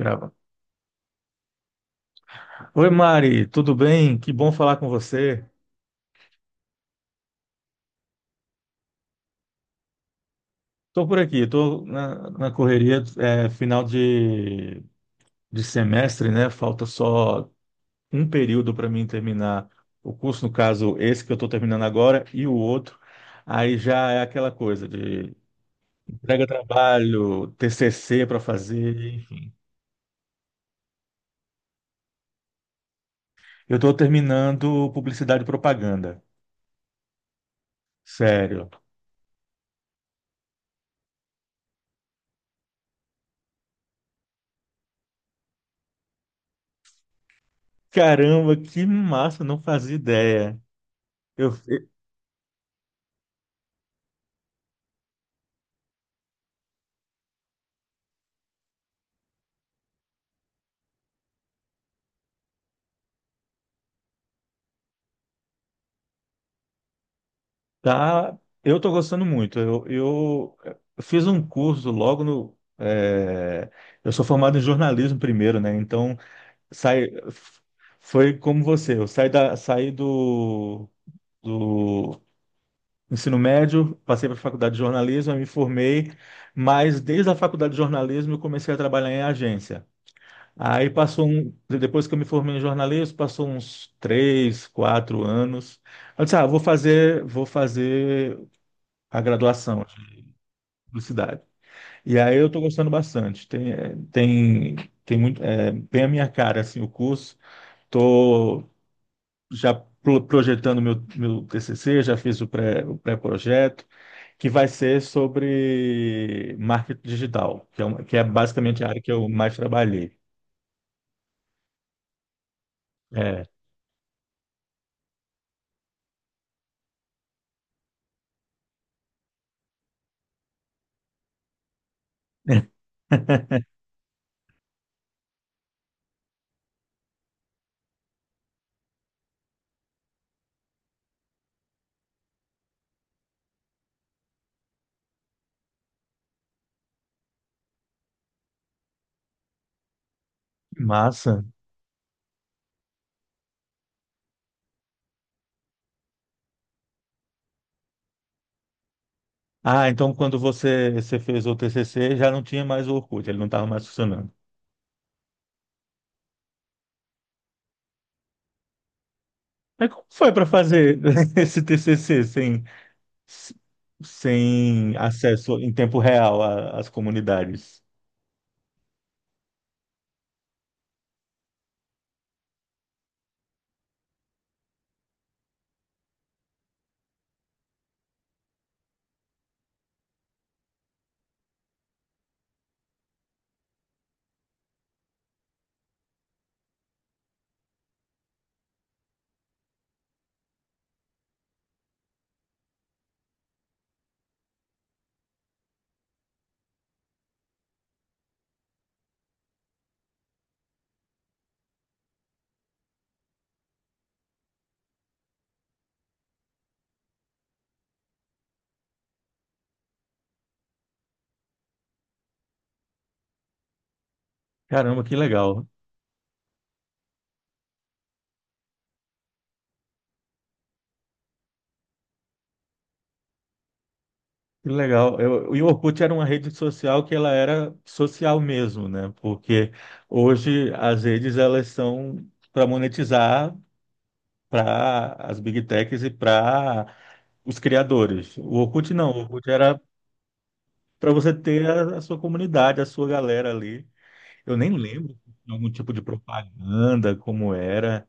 Grava. Oi, Mari, tudo bem? Que bom falar com você. Estou por aqui, estou na correria, final de semestre, né? Falta só um período para mim terminar o curso, no caso, esse que eu estou terminando agora e o outro. Aí já é aquela coisa de entrega trabalho, TCC para fazer, enfim. Eu estou terminando publicidade e propaganda, sério. Caramba, que massa, não fazia ideia. Eu, Tá, eu estou gostando muito. Eu fiz um curso logo no. Eu sou formado em jornalismo primeiro, né? Então sai, foi como você. Eu saí saí do ensino médio, passei para a faculdade de jornalismo, aí me formei, mas desde a faculdade de jornalismo eu comecei a trabalhar em agência. Aí passou um, depois que eu me formei em jornalismo, passou uns três, quatro anos. Eu disse, ah, vou fazer a graduação. Publicidade. E aí eu estou gostando bastante. Tem muito, é, bem a minha cara assim o curso. Estou já projetando meu TCC, já fiz o pré-projeto, que vai ser sobre marketing digital, que é uma, que é basicamente a área que eu mais trabalhei. É, que massa. Ah, então quando você fez o TCC, já não tinha mais o Orkut, ele não estava mais funcionando. Mas como foi para fazer esse TCC s- sem acesso em tempo real às comunidades. Caramba, que legal. Que legal. Eu, e o Orkut era uma rede social que ela era social mesmo, né? Porque hoje as redes elas são para monetizar para as big techs e para os criadores. O Orkut não, o Orkut era para você ter a sua comunidade, a sua galera ali. Eu nem lembro de algum tipo de propaganda, como era.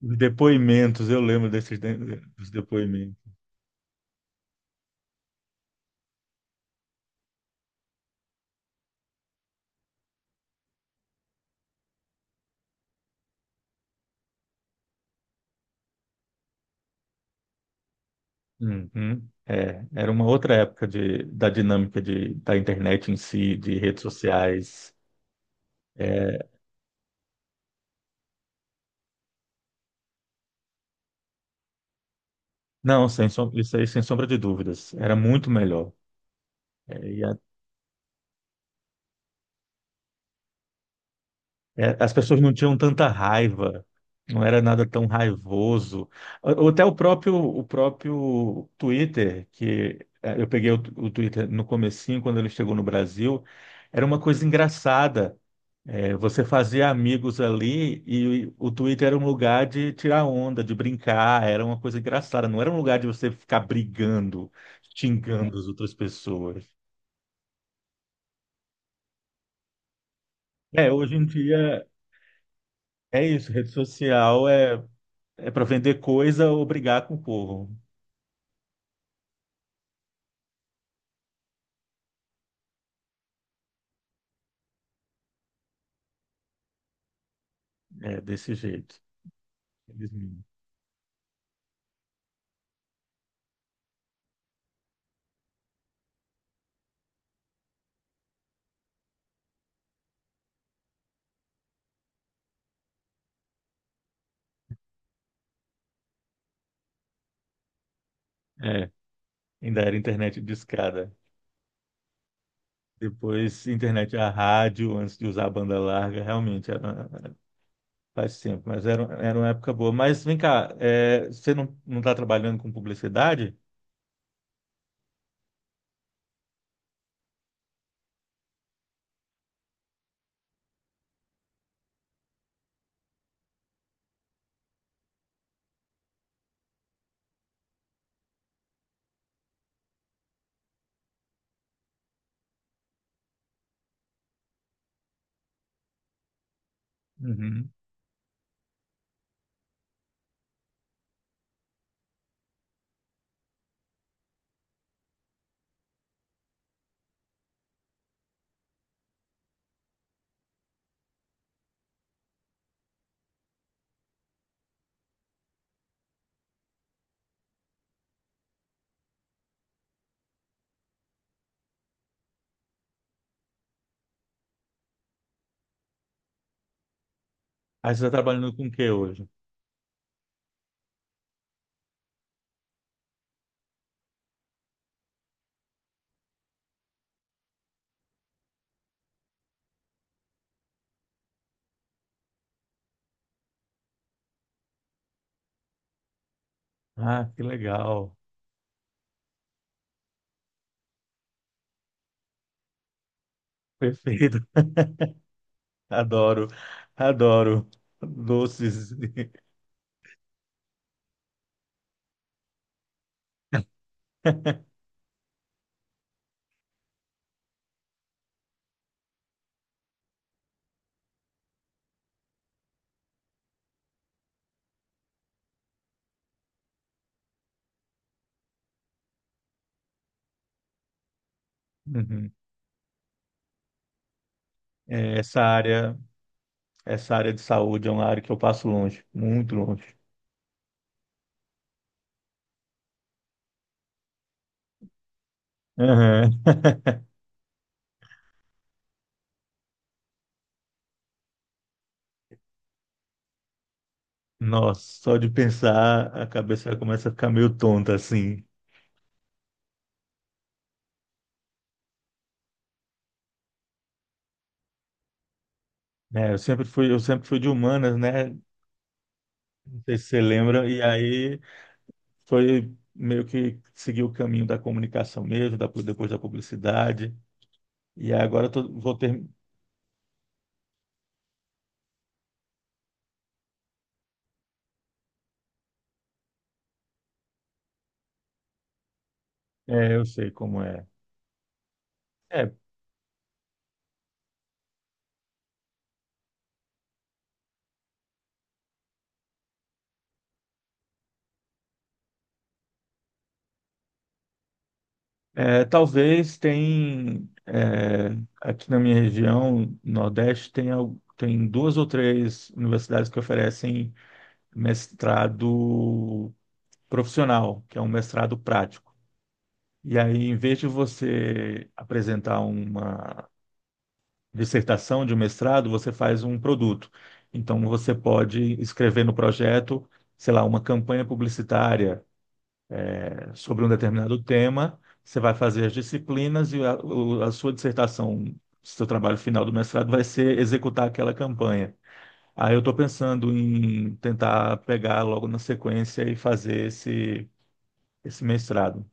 Os depoimentos, eu lembro dos depoimentos. Uhum. É, era uma outra época da dinâmica da internet em si, de redes sociais. É, não, sem, som- isso aí, sem sombra de dúvidas. Era muito melhor. É, e a- É, as pessoas não tinham tanta raiva, não era nada tão raivoso. Ou até o próprio Twitter, que é, eu peguei o Twitter no comecinho, quando ele chegou no Brasil, era uma coisa engraçada. É, você fazia amigos ali e o Twitter era um lugar de tirar onda, de brincar, era uma coisa engraçada, não era um lugar de você ficar brigando, xingando as outras pessoas. É, hoje em dia é isso, é para vender coisa ou brigar com o povo. É desse jeito. Infelizmente. É, ainda era internet discada. Depois internet a rádio, antes de usar a banda larga, realmente era. Faz tempo, mas era uma época boa. Mas vem cá, é, você não, não está trabalhando com publicidade? Uhum. Aí você está trabalhando com o que hoje? Ah, que legal. Perfeito. Adoro, adoro doces. Uhum. É, essa área, Essa área de saúde é uma área que eu passo longe, muito longe. Aham. Nossa, só de pensar, a cabeça começa a ficar meio tonta assim. Né? Eu sempre fui de humanas, né? Não sei se você lembra. E aí foi meio que seguir o caminho da comunicação mesmo, depois da publicidade. E agora eu vou ter. É, eu sei como é. É, Talvez tem. Aqui na minha região, Nordeste, tem duas ou três universidades que oferecem mestrado profissional, que é um mestrado prático. E aí, em vez de você apresentar uma dissertação, de um mestrado, você faz um produto. Então, você pode escrever no projeto, sei lá, uma campanha publicitária sobre um determinado tema. Você vai fazer as disciplinas e a sua dissertação, seu trabalho final do mestrado vai ser executar aquela campanha. Aí eu estou pensando em tentar pegar logo na sequência e fazer esse mestrado.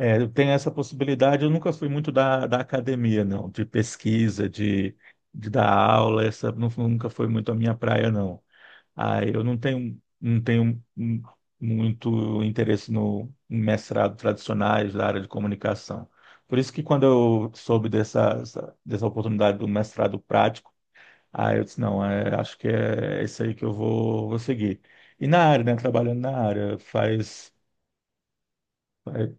É, tem essa possibilidade. Eu nunca fui muito da academia, não, de pesquisa, de dar aula, nunca foi muito a minha praia, não. Ah, eu não tenho, muito interesse no em mestrado tradicionais da área de comunicação. Por isso que quando eu soube dessa oportunidade do mestrado prático, ah eu disse, não, é, acho que é isso aí que eu vou seguir. E na área, né, trabalhando na área, faz,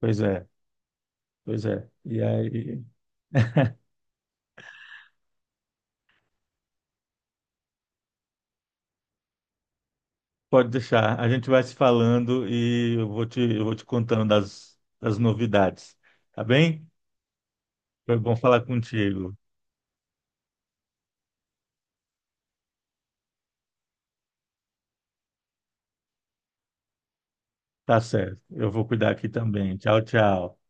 pois pois é. E aí pode deixar. A gente vai se falando e eu vou te contando das novidades. Tá bem? Foi bom falar contigo. Tá certo. Eu vou cuidar aqui também. Tchau, tchau.